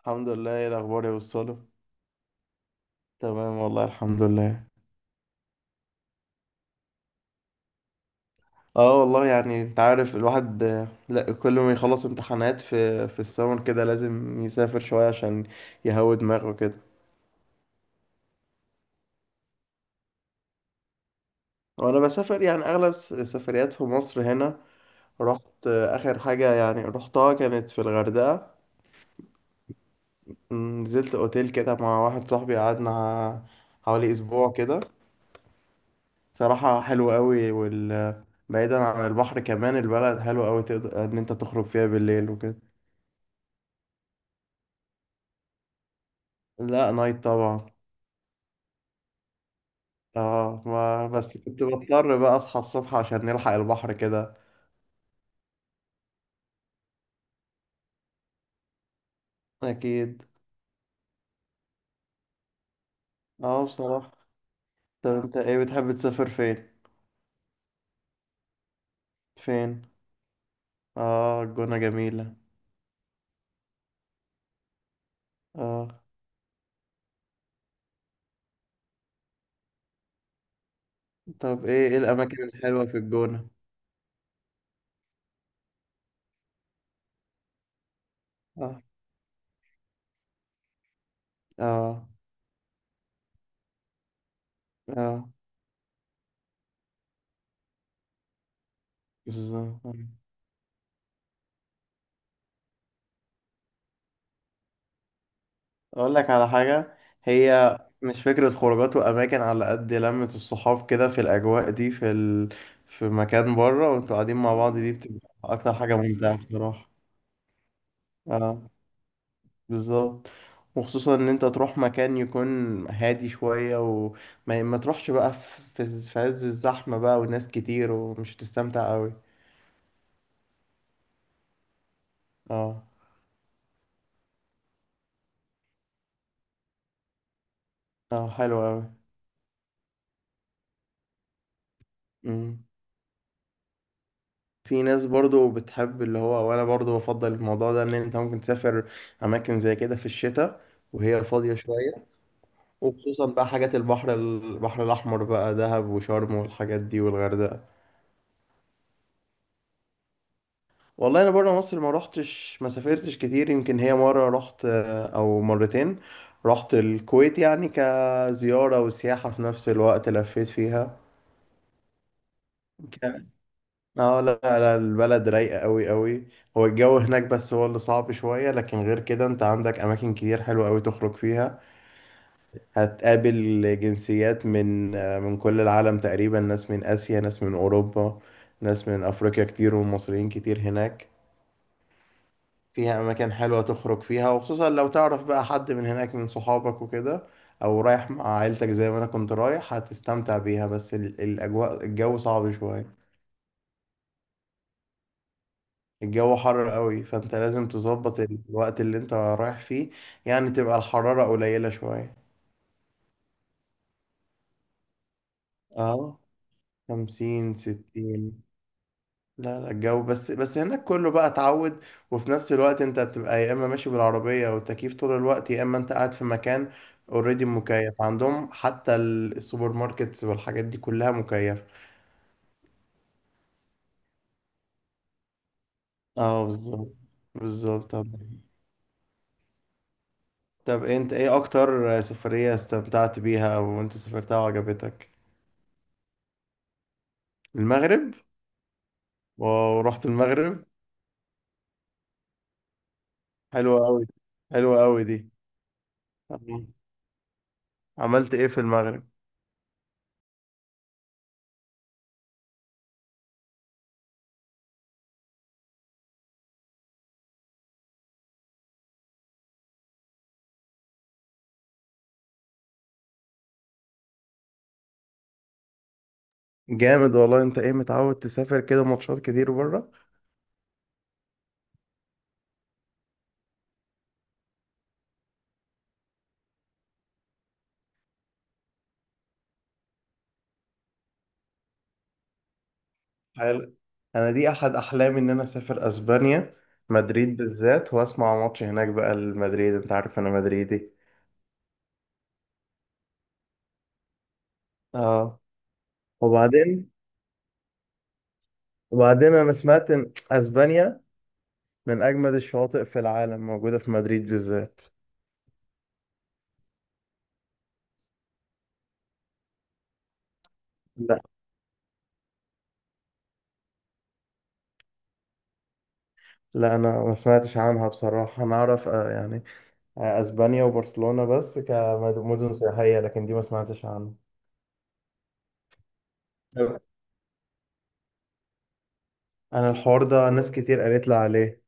الحمد لله. ايه الاخبار يا وصاله؟ تمام والله، الحمد لله. اه والله، يعني انت عارف الواحد لا، كل ما يخلص امتحانات في السمر كده لازم يسافر شويه عشان يهوي دماغه كده. وانا بسافر يعني اغلب سفريات في مصر هنا. رحت اخر حاجه يعني رحتها كانت في الغردقه. نزلت اوتيل كده مع واحد صاحبي، قعدنا حوالي اسبوع كده. صراحه حلو قوي، بعيدا عن البحر، كمان البلد حلوة أوي، تقدر إن أنت تخرج فيها بالليل وكده. لا، نايت طبعا. اه، ما بس كنت بضطر بقى اصحى الصبح عشان نلحق البحر كده. اكيد. اه بصراحة. طب انت ايه بتحب تسافر فين؟ فين؟ اه، الجونة جميلة. اه. طب ايه الاماكن الحلوة في الجونة؟ اه. اه. اه بالظبط. اقول لك على حاجة، هي مش فكرة خروجات واماكن على قد لمة الصحاب كده، في الاجواء دي في مكان بره وانتوا قاعدين مع بعض، دي بتبقى اكتر حاجة ممتعة بصراحة. اه بالظبط. وخصوصا ان انت تروح مكان يكون هادي شوية، وما ما تروحش بقى في عز الزحمة بقى وناس كتير ومش هتستمتع قوي. اه. اه حلو قوي. امم. في ناس برضو بتحب اللي هو، وانا برضو بفضل الموضوع ده، ان انت ممكن تسافر اماكن زي كده في الشتاء وهي فاضية شوية. وخصوصا بقى حاجات البحر، البحر الاحمر بقى، دهب وشرم والحاجات دي والغردقة. والله، انا بره مصر ما روحتش، ما سافرتش كتير، يمكن هي مره رحت او مرتين. رحت الكويت يعني كزياره وسياحه في نفس الوقت، لفيت فيها. ك- اه لا لا، البلد رايقه قوي قوي. هو الجو هناك بس هو اللي صعب شويه، لكن غير كده انت عندك اماكن كتير حلوه قوي تخرج فيها. هتقابل جنسيات من كل العالم تقريبا، ناس من اسيا، ناس من اوروبا، ناس من افريقيا كتير، ومصريين كتير هناك. فيها أماكن حلوة تخرج فيها، وخصوصا لو تعرف بقى حد من هناك من صحابك وكده، أو رايح مع عيلتك زي ما أنا كنت رايح، هتستمتع بيها، بس ال- الأجواء الجو صعب شوية. الجو حر قوي، فأنت لازم تظبط الوقت اللي أنت رايح فيه، يعني تبقى الحرارة قليلة شوية. اه، 50 60. لا لا، الجو بس هناك كله بقى اتعود. وفي نفس الوقت انت بتبقى يا اما ماشي بالعربية او التكييف طول الوقت، يا اما انت قاعد في مكان اوريدي مكيف عندهم، حتى السوبر ماركتس والحاجات دي كلها مكيفة. اه بالظبط. بالظبط. طب انت ايه اكتر سفرية استمتعت بيها وانت سافرتها وعجبتك؟ المغرب؟ واو، رحت المغرب. حلوة قوي. حلوة قوي دي. طب عملت ايه في المغرب؟ جامد والله. انت ايه متعود تسافر كده ماتشات كتير بره؟ حلو. انا دي احد احلامي، ان انا اسافر اسبانيا، مدريد بالذات، واسمع ماتش هناك بقى لمدريد، انت عارف انا مدريدي. اه. وبعدين وبعدين انا سمعت ان اسبانيا من اجمد الشواطئ في العالم موجودة في مدريد بالذات. لا لا، انا ما سمعتش عنها بصراحة. انا اعرف يعني اسبانيا وبرشلونة بس كمدن سياحية، لكن دي ما سمعتش عنها. طب انا الحوار ده ناس كتير قالت لي عليه.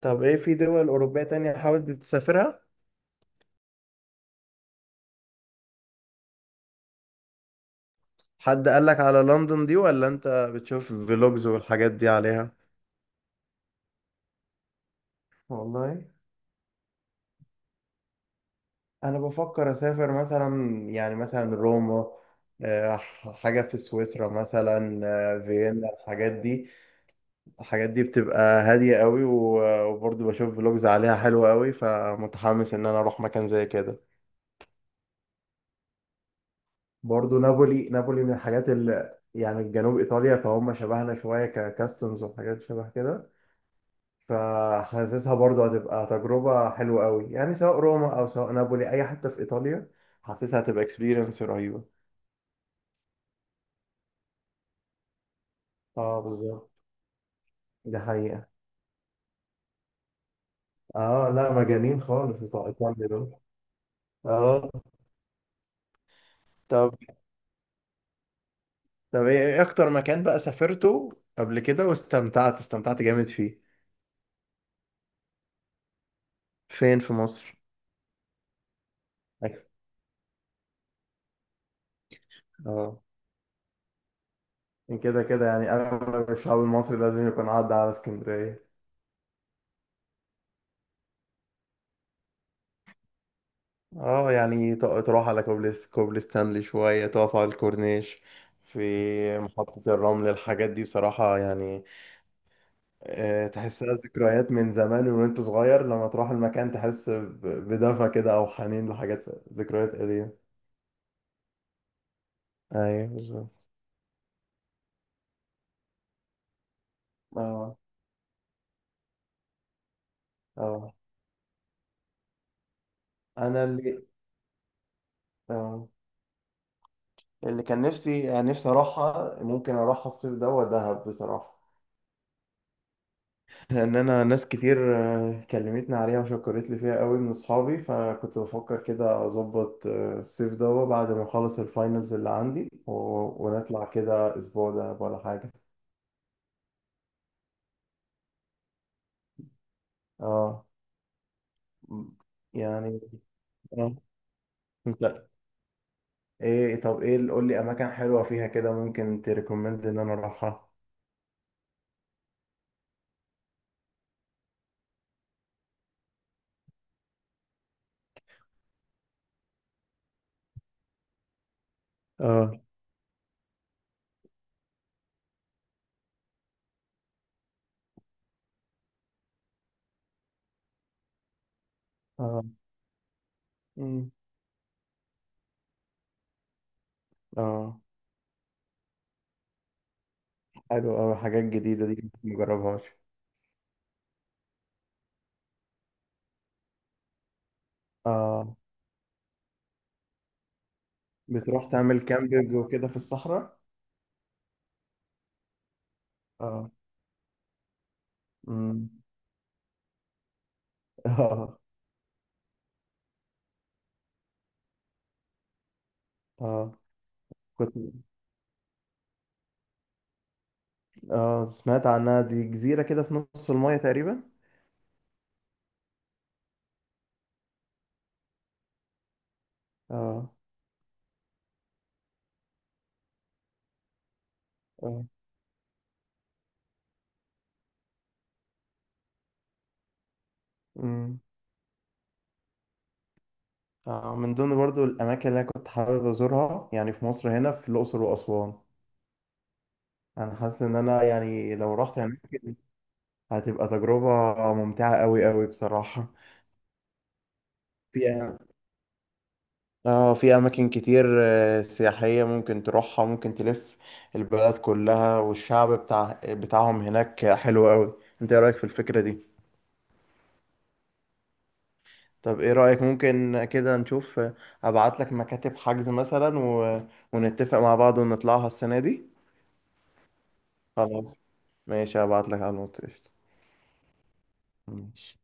طب ايه في دول اوروبية تانية حاولت تسافرها؟ حد قالك على لندن دي ولا انت بتشوف فلوجز والحاجات دي عليها؟ والله انا بفكر اسافر مثلا، يعني مثلا روما، آه، حاجة في سويسرا مثلا، فيينا، الحاجات دي. الحاجات دي بتبقى هادية قوي، وبرضه بشوف فلوجز عليها حلوة قوي، فمتحمس ان انا اروح مكان زي كده. برضه نابولي، نابولي من الحاجات اللي يعني جنوب ايطاليا، فهم شبهنا شوية ككاستمز وحاجات شبه كده، فحاسسها برضه هتبقى تجربة حلوة قوي، يعني سواء روما أو سواء نابولي، أي حتة في إيطاليا حاسسها هتبقى اكسبيرينس رهيبة. اه بالظبط، دي حقيقة. اه لا، مجانين خالص بتوع ايطاليا دول. اه. طب طب إيه أكتر مكان بقى سافرته قبل كده واستمتعت استمتعت جامد فيه؟ فين في مصر؟ أيوة. اه كده كده يعني أغلب الشعب المصري لازم يكون عدى على اسكندرية. اه يعني تروح على كوبلس، كوبلس ستانلي شوية، تقف على الكورنيش في محطة الرمل، الحاجات دي بصراحة يعني تحسها ذكريات من زمان وانت صغير، لما تروح المكان تحس بدفى كده، او حنين لحاجات، ذكريات قديمة. ايوه بالظبط. اه. اه انا اللي، اه اللي كان نفسي، يعني نفسي اروحها، ممكن اروحها الصيف ده دهب بصراحة. لان انا ناس كتير كلمتني عليها وشكرت لي فيها قوي من اصحابي، فكنت بفكر كده اظبط الصيف ده بعد ما اخلص الفاينلز اللي عندي ونطلع كده اسبوع ده ولا حاجه. اه. م- يعني اه. انت ايه، طب ايه قول لي اماكن حلوه فيها كده ممكن تريكومند ان انا اروحها. اه. اه. مم. اه حلو أوي، حاجات جديده دي مجربهاش. اه. بتروح تعمل كامبينج وكده في الصحراء. اه. اه. اه. كنت، اه سمعت عنها، دي جزيرة كده في نص المايه تقريبا. اه. اه. امم. من ضمن برضو الأماكن اللي أنا كنت حابب أزورها، يعني في مصر هنا، في الأقصر وأسوان. أنا حاسس إن أنا يعني لو رحت هناك هتبقى تجربة ممتعة أوي أوي بصراحة. في اه في أماكن كتير سياحية ممكن تروحها، ممكن تلف البلد كلها، والشعب بتاعهم هناك حلو أوي. أنت إيه رأيك في الفكرة دي؟ طب ايه رأيك، ممكن كده نشوف، ابعت لك مكاتب حجز مثلا ونتفق مع بعض ونطلعها السنة دي. خلاص. ماشي، هبعت لك على الواتس قشطة. ماشي